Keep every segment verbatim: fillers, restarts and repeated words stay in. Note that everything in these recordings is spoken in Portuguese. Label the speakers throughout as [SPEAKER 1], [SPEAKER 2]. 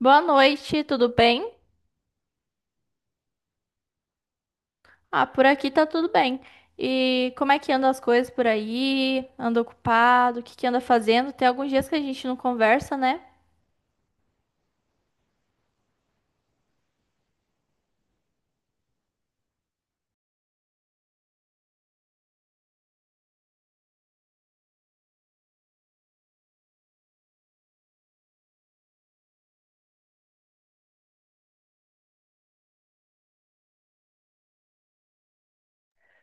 [SPEAKER 1] Boa noite, tudo bem? Ah, por aqui tá tudo bem. E como é que andam as coisas por aí? Anda ocupado? O que que anda fazendo? Tem alguns dias que a gente não conversa, né?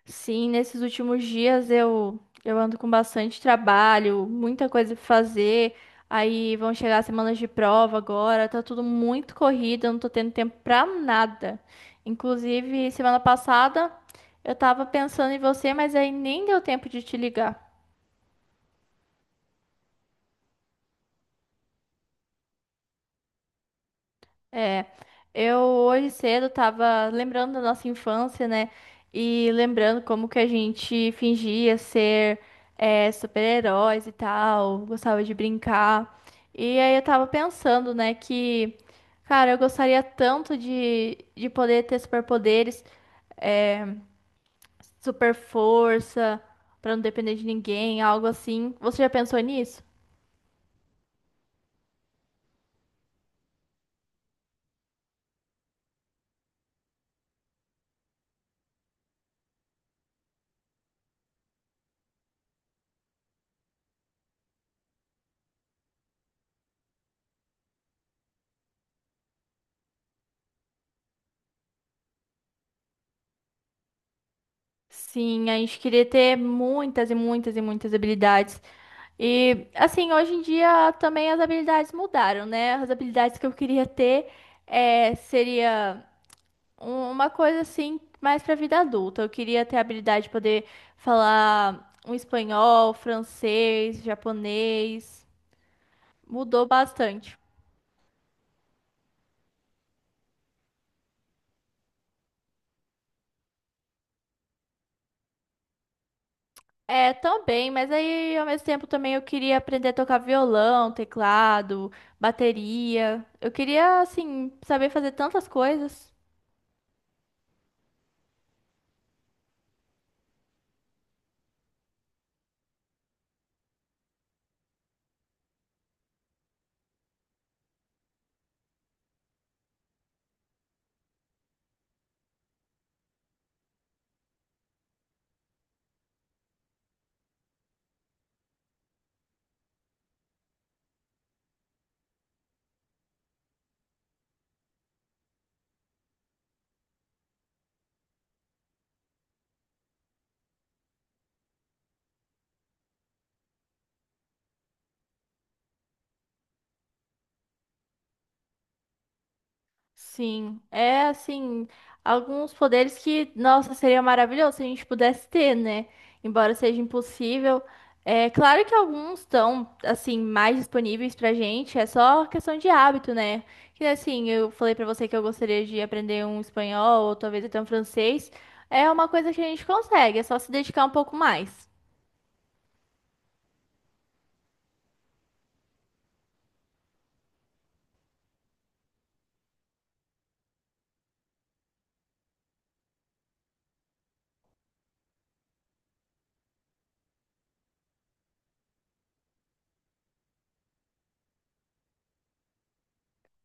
[SPEAKER 1] Sim, nesses últimos dias eu eu ando com bastante trabalho, muita coisa pra fazer. Aí vão chegar as semanas de prova agora, tá tudo muito corrido, eu não tô tendo tempo pra nada. Inclusive, semana passada eu tava pensando em você, mas aí nem deu tempo de te ligar. É, eu hoje cedo tava lembrando da nossa infância, né? E lembrando como que a gente fingia ser é, super-heróis e tal, gostava de brincar. E aí eu tava pensando, né, que, cara, eu gostaria tanto de, de poder ter superpoderes, é, super força, pra não depender de ninguém, algo assim. Você já pensou nisso? Sim, a gente queria ter muitas e muitas e muitas habilidades. E assim, hoje em dia também as habilidades mudaram, né? As habilidades que eu queria ter é, seria um- uma coisa assim mais para vida adulta. Eu queria ter a habilidade de poder falar um espanhol, francês, japonês. Mudou bastante. É, também, mas aí ao mesmo tempo também eu queria aprender a tocar violão, teclado, bateria. Eu queria assim saber fazer tantas coisas. Sim, é assim, alguns poderes que, nossa, seria maravilhoso se a gente pudesse ter, né? Embora seja impossível. É claro que alguns estão, assim, mais disponíveis pra gente, é só questão de hábito, né? Que assim, eu falei pra você que eu gostaria de aprender um espanhol ou talvez até um francês. É uma coisa que a gente consegue, é só se dedicar um pouco mais.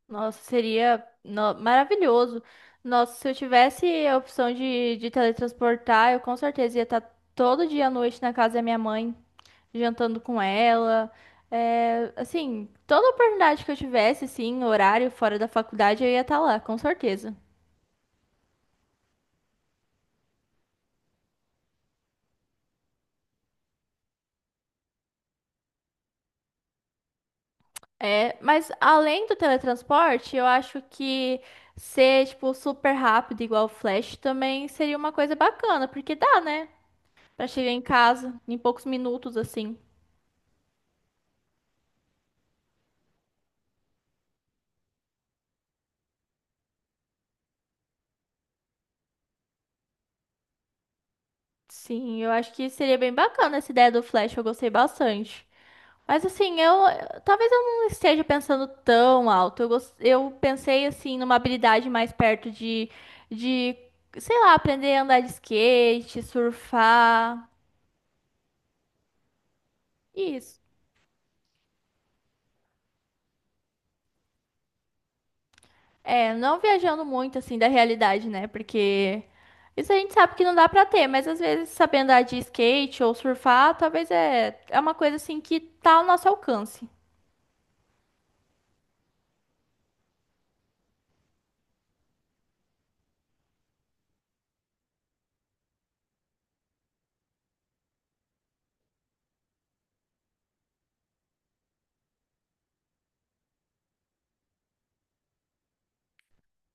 [SPEAKER 1] Nossa, seria no- maravilhoso. Nossa, se eu tivesse a opção de, de teletransportar, eu com certeza ia estar todo dia à noite na casa da minha mãe, jantando com ela. É, assim, toda oportunidade que eu tivesse, sim, horário fora da faculdade, eu ia estar lá, com certeza. É, mas além do teletransporte, eu acho que ser, tipo, super rápido, igual o Flash, também seria uma coisa bacana, porque dá, né? Pra chegar em casa em poucos minutos, assim. Sim, eu acho que seria bem bacana essa ideia do Flash, eu gostei bastante. Mas assim, eu talvez eu não esteja pensando tão alto. Eu, gos- eu pensei assim numa habilidade mais perto de, de, sei lá, aprender a andar de skate, surfar. Isso. É, não viajando muito assim da realidade, né? Porque isso a gente sabe que não dá pra ter, mas às vezes saber andar de skate ou surfar, talvez é, é uma coisa assim que tá ao nosso alcance.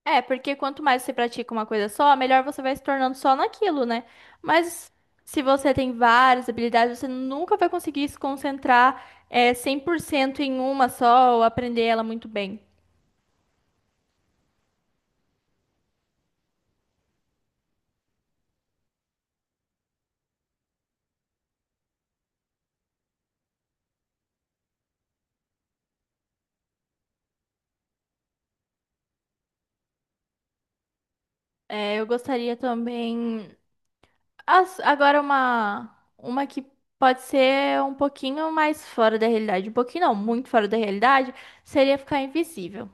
[SPEAKER 1] É, porque quanto mais você pratica uma coisa só, melhor você vai se tornando só naquilo, né? Mas se você tem várias habilidades, você nunca vai conseguir se concentrar, é, cem por cento em uma só ou aprender ela muito bem. É, eu gostaria também. As- agora, uma, uma que pode ser um pouquinho mais fora da realidade. Um pouquinho, não, muito fora da realidade, seria ficar invisível.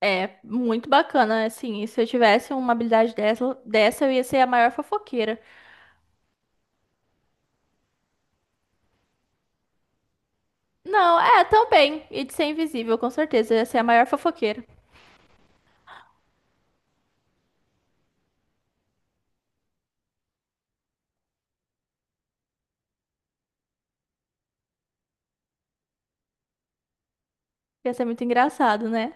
[SPEAKER 1] É muito bacana, assim. e Se eu tivesse uma habilidade dessa, dessa, eu ia ser a maior fofoqueira. Não, é, também. E de ser invisível, com certeza. Ia ser a maior fofoqueira. Ia ser muito engraçado, né?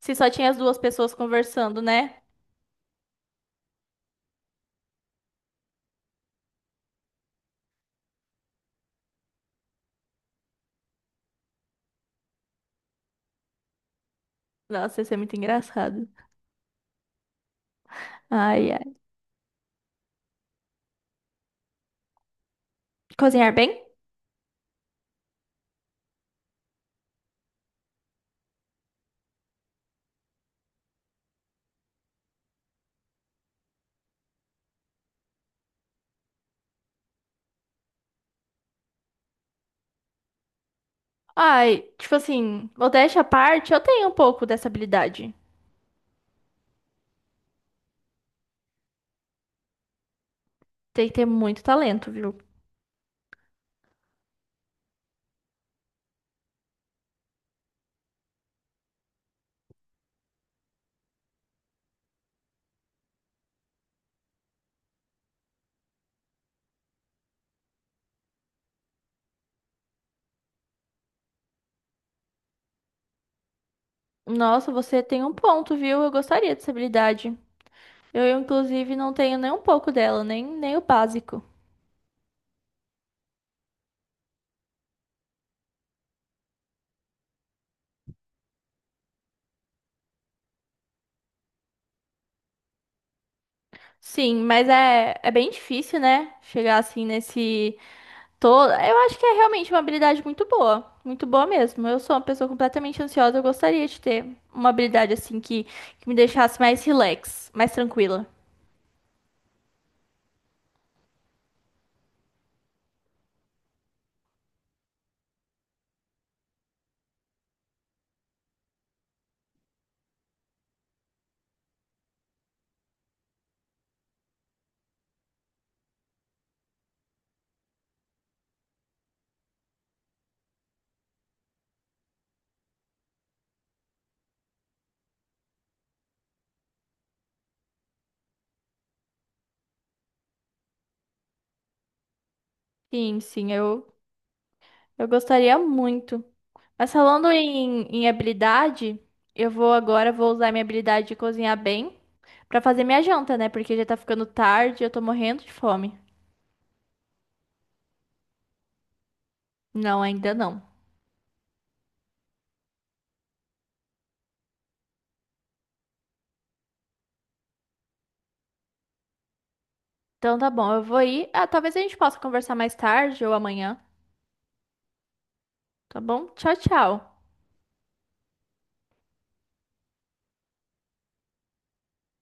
[SPEAKER 1] Se só tinha as duas pessoas conversando, né? Nossa, ia ser muito engraçado. Ai, ai. Cozinhar bem? Ai, tipo assim, modéstia à parte, eu tenho um pouco dessa habilidade. Tem que ter muito talento, viu? Nossa, você tem um ponto, viu? Eu gostaria dessa habilidade. Eu, inclusive, não tenho nem um pouco dela, nem, nem o básico. Sim, mas é, é bem difícil, né? Chegar assim nesse. Tô, eu acho que é realmente uma habilidade muito boa, muito boa mesmo. Eu sou uma pessoa completamente ansiosa, eu gostaria de ter uma habilidade assim que, que me deixasse mais relax, mais tranquila. Sim, sim, eu, eu gostaria muito. Mas falando em, em habilidade, eu vou agora, vou usar minha habilidade de cozinhar bem pra fazer minha janta, né? Porque já tá ficando tarde, eu tô morrendo de fome. Não, ainda não. Então tá bom, eu vou ir. Ah, talvez a gente possa conversar mais tarde ou amanhã, tá bom? Tchau, tchau.